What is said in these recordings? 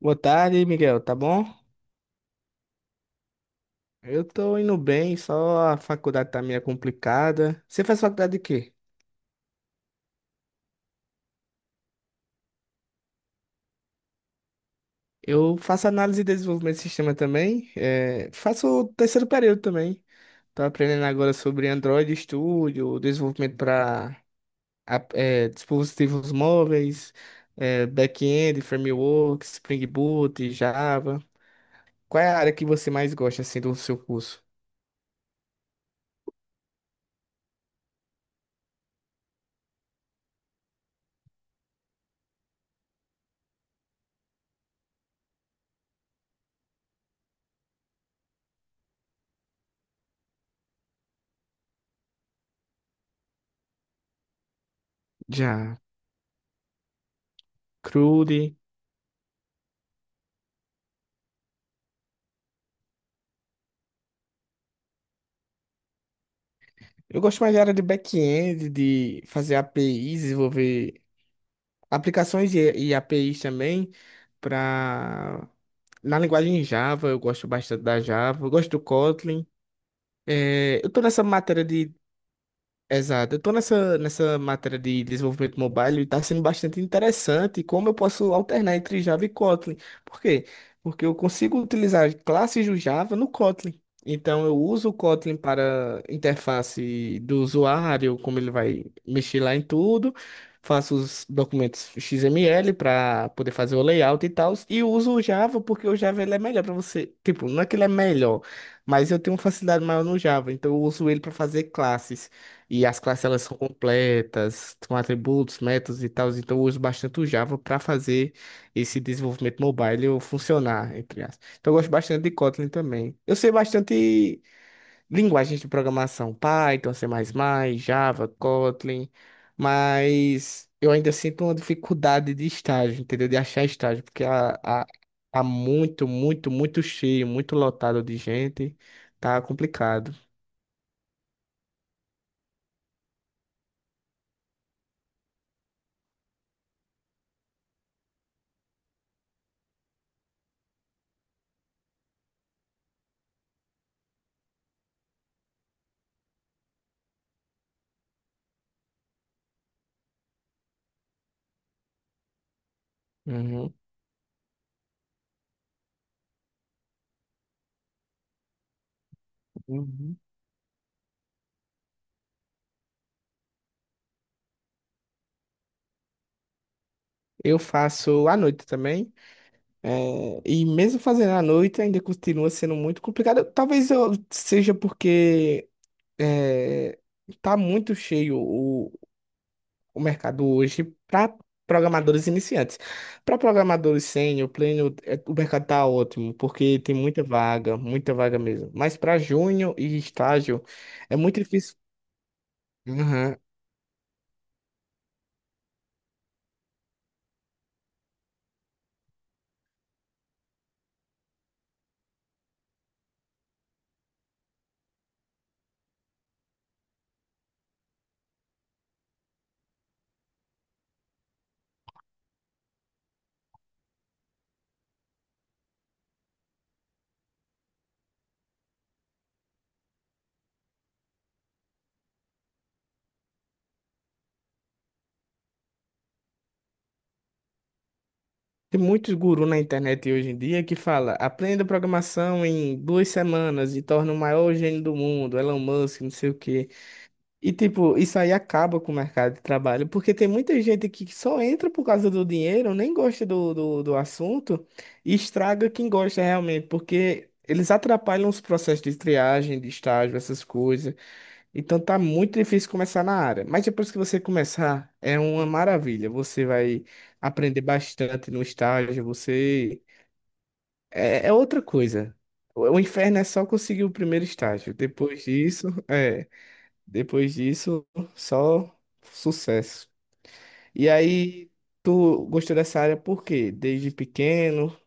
Boa tarde, Miguel, tá bom? Eu tô indo bem, só a faculdade tá meio complicada. Você faz faculdade de quê? Eu faço análise e desenvolvimento de sistema também, faço o terceiro período também. Tô aprendendo agora sobre Android Studio, desenvolvimento para dispositivos móveis, back-end, framework, Spring Boot, Java. Qual é a área que você mais gosta assim do seu curso? Já, CRUD. Eu gosto mais da área de back-end, de fazer APIs, desenvolver aplicações e APIs também para na linguagem Java, eu gosto bastante da Java, eu gosto do Kotlin. É, eu tô nessa matéria de Exato. Eu tô nessa matéria de desenvolvimento mobile e está sendo bastante interessante como eu posso alternar entre Java e Kotlin. Por quê? Porque eu consigo utilizar classes do Java no Kotlin. Então eu uso o Kotlin para interface do usuário, como ele vai mexer lá em tudo. Faço os documentos XML para poder fazer o layout e tal. E uso o Java porque o Java ele é melhor para você. Tipo, não é que ele é melhor, mas eu tenho uma facilidade maior no Java, então eu uso ele para fazer classes. E as classes elas são completas, com atributos, métodos e tal. Então eu uso bastante o Java para fazer esse desenvolvimento mobile eu funcionar, entre aspas. Então eu gosto bastante de Kotlin também. Eu sei bastante linguagens de programação, Python, C++, Java, Kotlin, mas eu ainda sinto uma dificuldade de estágio, entendeu? De achar estágio, porque tá muito, muito, muito cheio, muito lotado de gente. Tá complicado. Uhum. Uhum. Eu faço à noite também. E mesmo fazendo à noite, ainda continua sendo muito complicado. Talvez seja porque eh, tá muito cheio o mercado hoje para programadores iniciantes. Para programadores sênior, pleno, o mercado tá ótimo, porque tem muita vaga mesmo. Mas para júnior e estágio, é muito difícil. Tem muitos gurus na internet hoje em dia que fala, aprenda programação em 2 semanas e torna o maior gênio do mundo, Elon Musk, não sei o quê. E tipo, isso aí acaba com o mercado de trabalho, porque tem muita gente que só entra por causa do dinheiro, nem gosta do assunto e estraga quem gosta realmente, porque eles atrapalham os processos de triagem, de estágio, essas coisas. Então tá muito difícil começar na área, mas depois que você começar, é uma maravilha. Você vai aprender bastante no estágio, você é outra coisa. O inferno é só conseguir o primeiro estágio. Depois disso, depois disso, só sucesso. E aí, tu gostou dessa área por quê? Desde pequeno?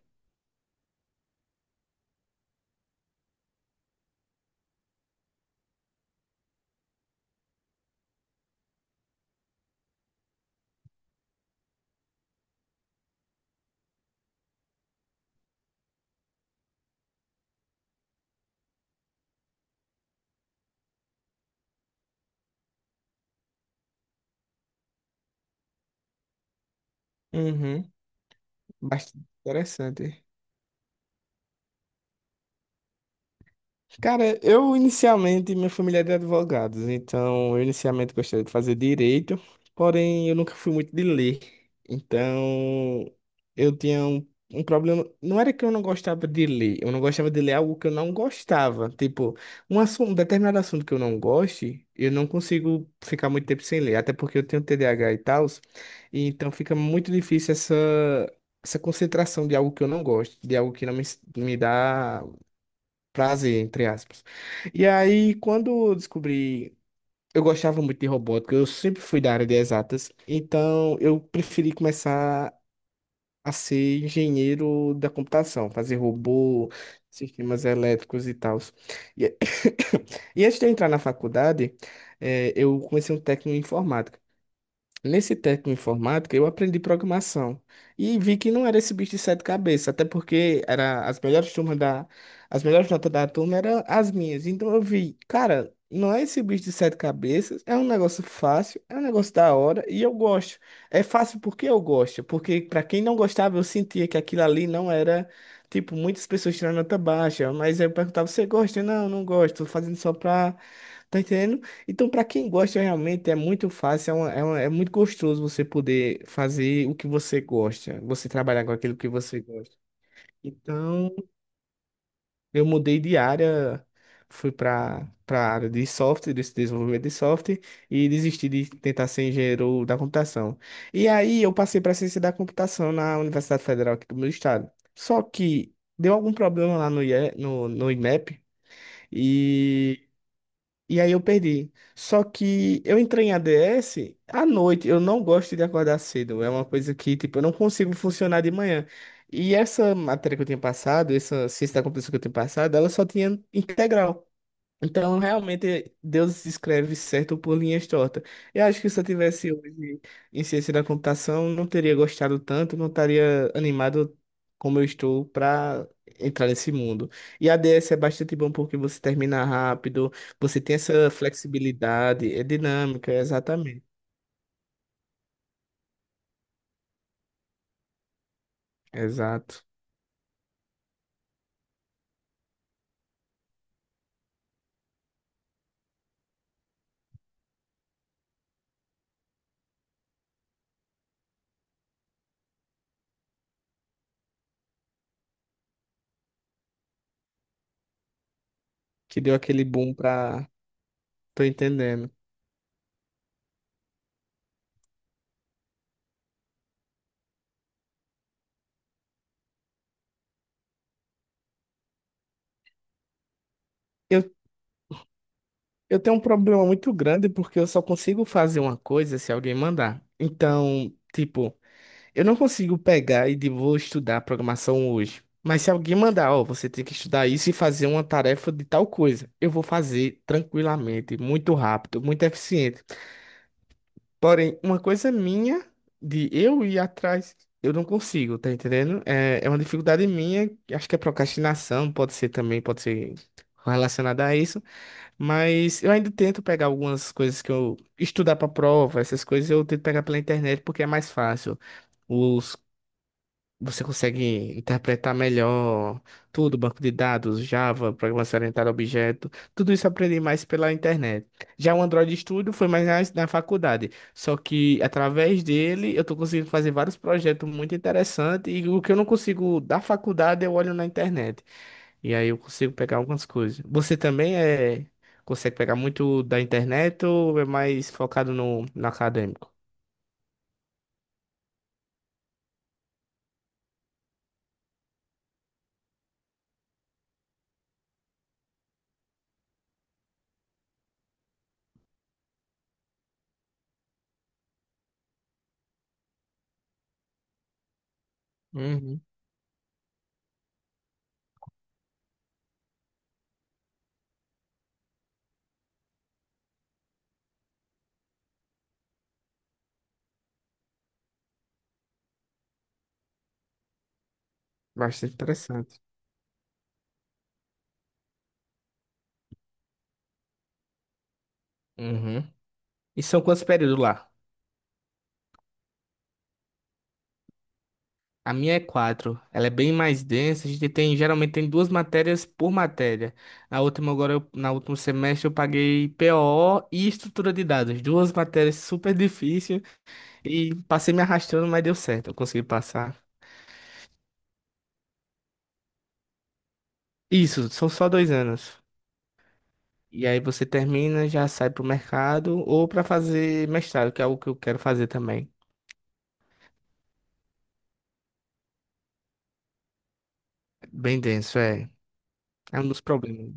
Uhum. Bastante interessante. Cara, eu inicialmente, minha família é de advogados, então eu inicialmente gostaria de fazer direito, porém eu nunca fui muito de ler. Então eu tinha um problema. Não era que eu não gostava de ler, eu não gostava de ler algo que eu não gostava. Tipo, um assunto, um determinado assunto que eu não goste, eu não consigo ficar muito tempo sem ler, até porque eu tenho TDAH e tal, e então fica muito difícil essa. Essa concentração de algo que eu não gosto, de algo que não me dá prazer, entre aspas. E aí, quando eu descobri, eu gostava muito de robótica, eu sempre fui da área de exatas, então eu preferi começar a ser engenheiro da computação, fazer robô, sistemas elétricos e tal. E, e antes de eu entrar na faculdade, eu comecei um técnico em informática. Nesse técnico em informática, eu aprendi programação e vi que não era esse bicho de sete cabeças, até porque era as melhores notas da turma eram as minhas. Então eu vi, cara, não é esse bicho de sete cabeças, é um negócio fácil, é um negócio da hora e eu gosto. É fácil porque eu gosto, porque para quem não gostava, eu sentia que aquilo ali não era, tipo, muitas pessoas tirando nota baixa, mas aí eu perguntava, você gosta? Não, não gosto, tô fazendo só pra, tá entendendo? Então, para quem gosta, realmente é muito fácil, é muito gostoso você poder fazer o que você gosta, você trabalhar com aquilo que você gosta. Então, eu mudei de área, fui para a área de software, desse desenvolvimento de software, e desisti de tentar ser engenheiro da computação. E aí, eu passei para ciência da computação na Universidade Federal aqui do meu estado. Só que deu algum problema lá no, IE no INEP. E e aí eu perdi. Só que eu entrei em ADS à noite. Eu não gosto de acordar cedo. É uma coisa que, tipo, eu não consigo funcionar de manhã. E essa matéria que eu tinha passado, essa ciência da computação que eu tinha passado, ela só tinha integral. Então, realmente, Deus escreve certo por linhas tortas. Eu acho que se eu tivesse hoje em ciência da computação, não teria gostado tanto, não estaria animado como eu estou para entrar nesse mundo. E a DS é bastante bom porque você termina rápido, você tem essa flexibilidade, é dinâmica, exatamente. Exato. Que deu aquele boom para. Tô entendendo. Eu, eu tenho um problema muito grande porque eu só consigo fazer uma coisa se alguém mandar. Então, tipo. Eu não consigo pegar e de vou estudar programação hoje. Mas se alguém mandar, ó, você tem que estudar isso e fazer uma tarefa de tal coisa, eu vou fazer tranquilamente, muito rápido, muito eficiente. Porém, uma coisa minha de eu ir atrás, eu não consigo, tá entendendo? É uma dificuldade minha, acho que é procrastinação, pode ser também, pode ser relacionada a isso, mas eu ainda tento pegar algumas coisas que eu estudar para prova, essas coisas eu tento pegar pela internet porque é mais fácil. Os você consegue interpretar melhor tudo, banco de dados, Java, programação orientada a objeto, tudo isso eu aprendi mais pela internet. Já o Android Studio foi mais na faculdade, só que através dele eu estou conseguindo fazer vários projetos muito interessantes e o que eu não consigo da faculdade eu olho na internet e aí eu consigo pegar algumas coisas. Você também consegue pegar muito da internet ou é mais focado no acadêmico? Uhum. Bastante interessante. Uhum. E são quantos períodos lá? A minha é quatro. Ela é bem mais densa. A gente tem, geralmente tem duas matérias por matéria. Na último semestre eu paguei POO e estrutura de dados. Duas matérias super difíceis e passei me arrastando, mas deu certo. Eu consegui passar. Isso, são só 2 anos. E aí você termina, já sai pro mercado ou para fazer mestrado, que é algo que eu quero fazer também. Bem denso, é. É um dos problemas.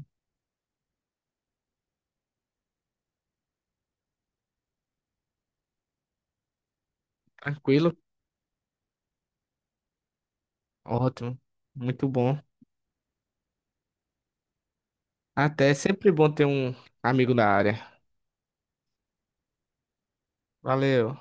Tranquilo? Ótimo. Muito bom. Até é sempre bom ter um amigo da área. Valeu.